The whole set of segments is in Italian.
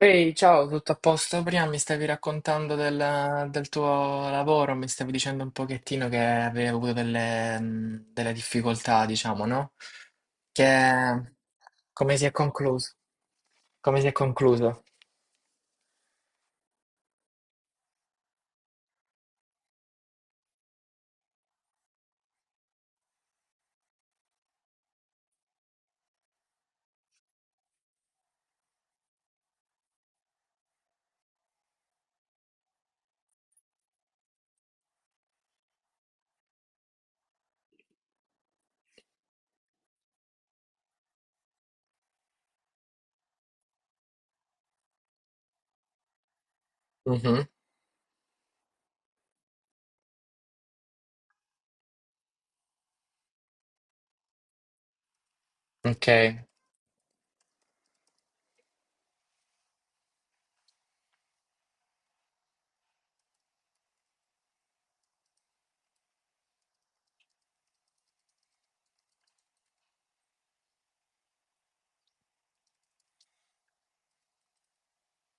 Ehi, ciao, tutto a posto? Prima mi stavi raccontando del tuo lavoro, mi stavi dicendo un pochettino che avevi avuto delle, delle difficoltà, diciamo, no? Che, come si è concluso? Come si è concluso? Mhm. Ok.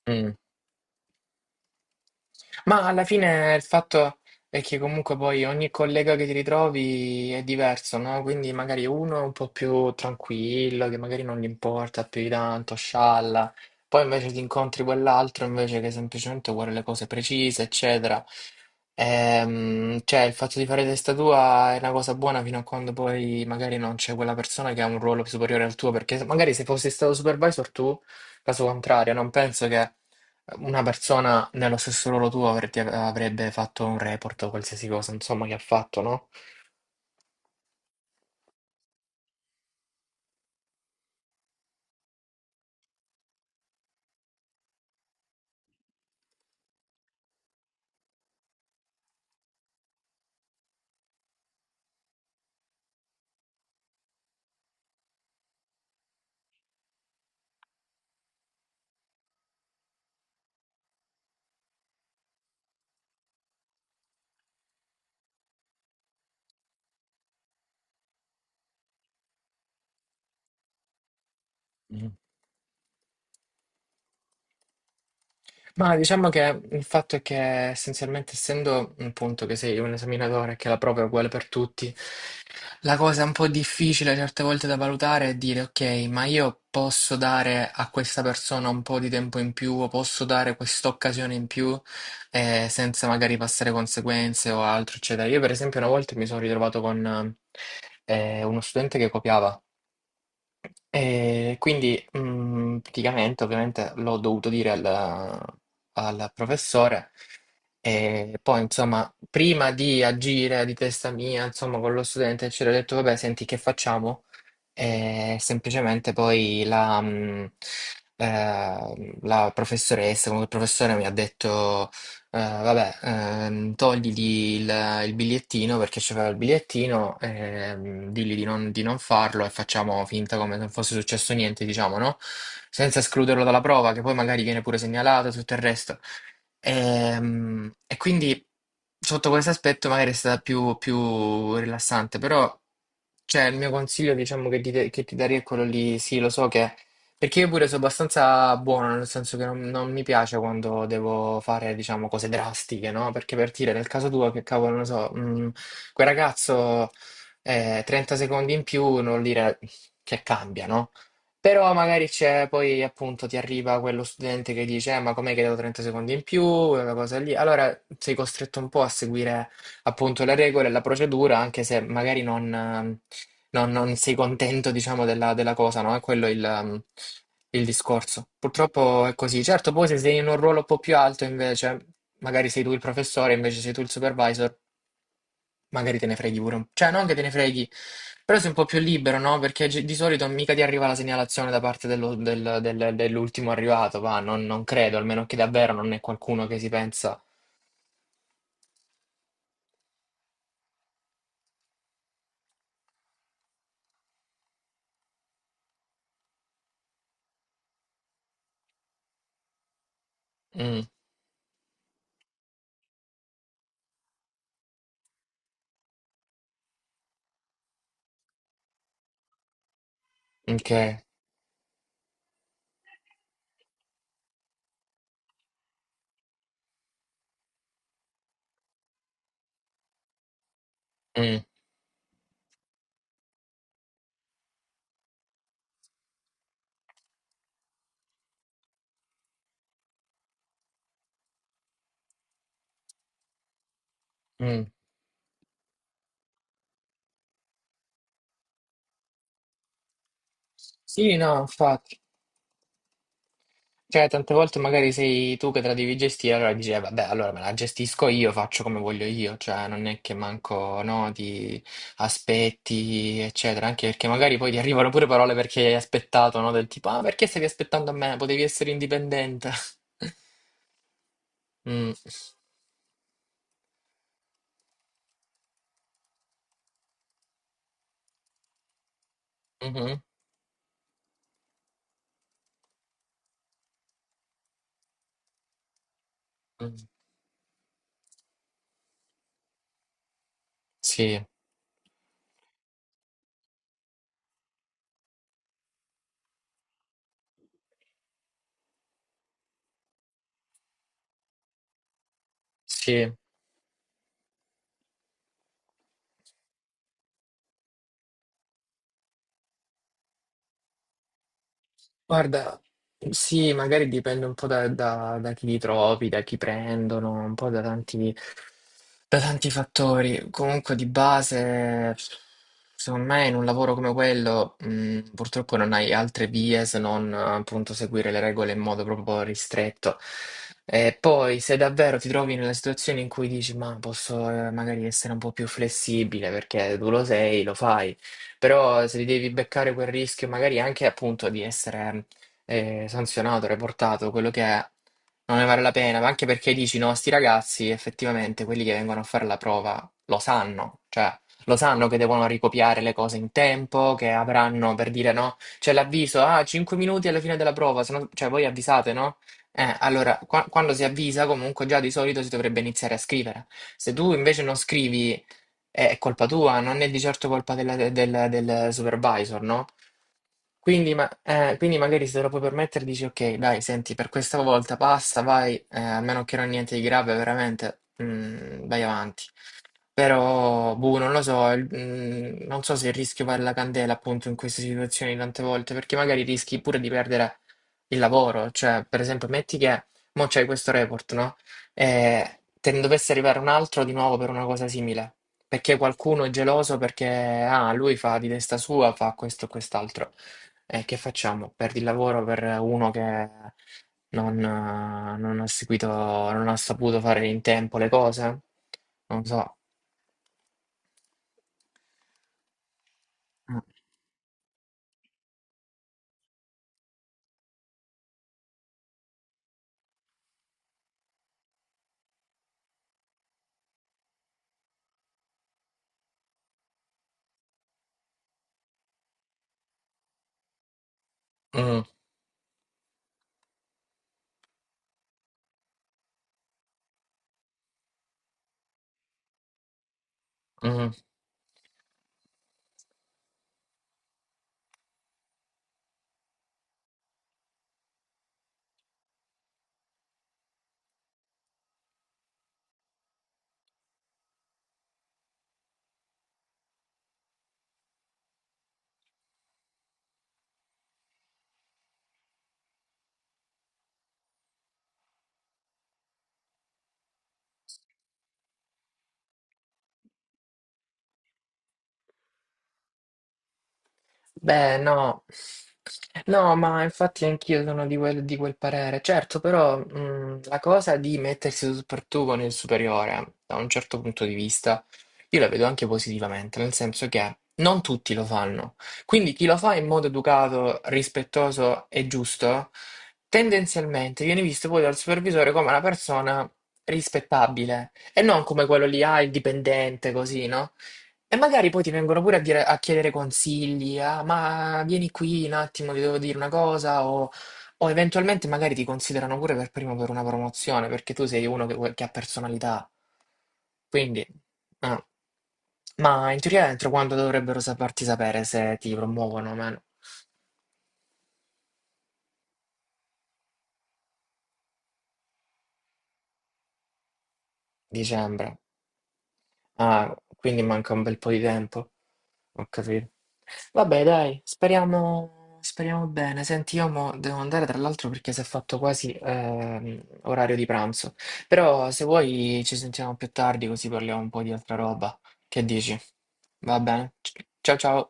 Mm. Ma alla fine il fatto è che comunque poi ogni collega che ti ritrovi è diverso, no? Quindi magari uno è un po' più tranquillo, che magari non gli importa più di tanto, scialla. Poi invece ti incontri quell'altro invece che semplicemente vuole le cose precise, eccetera. Cioè il fatto di fare testa tua è una cosa buona fino a quando poi magari non c'è quella persona che ha un ruolo superiore al tuo, perché magari se fossi stato supervisor tu, caso contrario, non penso che una persona nello stesso ruolo tuo avrebbe fatto un report o qualsiasi cosa, insomma, che ha fatto, no? Ma diciamo che il fatto è che essenzialmente, essendo appunto che sei un esaminatore e che la prova è uguale per tutti, la cosa un po' difficile certe volte da valutare è dire, ok, ma io posso dare a questa persona un po' di tempo in più o posso dare quest'occasione in più senza magari passare conseguenze o altro, eccetera. Io, per esempio, una volta mi sono ritrovato con uno studente che copiava. E quindi praticamente ovviamente l'ho dovuto dire al professore e poi insomma prima di agire di testa mia insomma con lo studente ci ho detto vabbè senti che facciamo? E semplicemente poi la professoressa, comunque il professore mi ha detto, vabbè, togli il bigliettino perché c'era il bigliettino, digli di non farlo e facciamo finta come se non fosse successo niente, diciamo, no? Senza escluderlo dalla prova, che poi magari viene pure segnalato e tutto il resto. E, quindi sotto questo aspetto magari è stata più rilassante, però... Cioè, il mio consiglio, diciamo, che ti darei è quello lì, sì, lo so che... Perché io pure sono abbastanza buono, nel senso che non mi piace quando devo fare, diciamo, cose drastiche, no? Perché per dire, nel caso tuo, che cavolo, non lo so, quel ragazzo 30 secondi in più, non vuol dire che cambia, no? Però magari c'è, poi appunto ti arriva quello studente che dice, ma com'è che devo 30 secondi in più, quella cosa lì. Allora sei costretto un po' a seguire appunto le regole e la procedura, anche se magari non, non sei contento, diciamo, della cosa, no? È quello il discorso. Purtroppo è così. Certo, poi se sei in un ruolo un po' più alto, invece, magari sei tu il professore, invece sei tu il supervisor, magari te ne freghi pure un po'. Cioè, non che te ne freghi, però sei un po' più libero, no? Perché di solito mica ti arriva la segnalazione da parte dell'ultimo arrivato, va? Non credo, almeno che davvero non è qualcuno che si pensa... Mm, ok, mm, mm. Sì, no, infatti. Cioè, tante volte magari sei tu che te la devi gestire, allora dici, vabbè, allora me la gestisco io, faccio come voglio io, cioè non è che manco, no, ti aspetti, eccetera, anche perché magari poi ti arrivano pure parole perché hai aspettato, no, del tipo, ah, perché stavi aspettando a me? Potevi essere indipendente. Mm. Mhm. Mm. Sì, sì. Guarda, sì, magari dipende un po' da chi li trovi, da chi prendono, un po' da tanti da tanti fattori, comunque di base, secondo me in un lavoro come quello, purtroppo non hai altre vie se non appunto seguire le regole in modo proprio ristretto. E poi se davvero ti trovi nella situazione in cui dici, ma posso magari essere un po' più flessibile perché tu lo sei, lo fai, però se ti devi beccare quel rischio magari anche appunto di essere sanzionato, reportato, quello che è, non ne vale la pena, ma anche perché dici, no, sti ragazzi, effettivamente, quelli che vengono a fare la prova lo sanno, cioè lo sanno che devono ricopiare le cose in tempo, che avranno, per dire, no, c'è l'avviso, ah, 5 minuti alla fine della prova, se no- cioè voi avvisate, no? Allora, quando si avvisa, comunque già di solito si dovrebbe iniziare a scrivere. Se tu invece non scrivi, è colpa tua, non è di certo colpa del supervisor, no? Quindi, quindi magari se te lo puoi permettere dici ok, dai, senti, per questa volta basta, vai, a meno che non niente di grave, veramente, mm, vai avanti. Però, boh, non lo so, non so se il rischio vale la candela appunto in queste situazioni tante volte, perché magari rischi pure di perdere il lavoro, cioè, per esempio, metti che mo c'hai questo report, no? E te ne dovesse arrivare un altro di nuovo per una cosa simile, perché qualcuno è geloso perché, ah, lui fa di testa sua, fa questo e quest'altro. E che facciamo? Perdi il lavoro per uno che non ha seguito, non ha saputo fare in tempo le cose? Non so. Mm, mm. Beh, no, no, ma infatti anch'io sono di di quel parere. Certo, però mm, la cosa di mettersi tu per tu con il superiore, da un certo punto di vista, io la vedo anche positivamente, nel senso che non tutti lo fanno. Quindi chi lo fa in modo educato, rispettoso e giusto, tendenzialmente viene visto poi dal supervisore come una persona rispettabile e non come quello lì, ah, il dipendente, così, no? E magari poi ti vengono pure a chiedere consigli, ah, ma vieni qui un attimo, ti devo dire una cosa, o eventualmente magari ti considerano pure per primo per una promozione, perché tu sei uno che ha personalità. Quindi, no. Ma in teoria entro quando dovrebbero farti sapere se ti promuovono o meno? Dicembre. Ah, quindi manca un bel po' di tempo. Ho capito. Vabbè, dai, speriamo, speriamo bene. Senti, io mo devo andare tra l'altro perché si è fatto quasi orario di pranzo. Però se vuoi ci sentiamo più tardi così parliamo un po' di altra roba. Che dici? Va bene. Ciao ciao.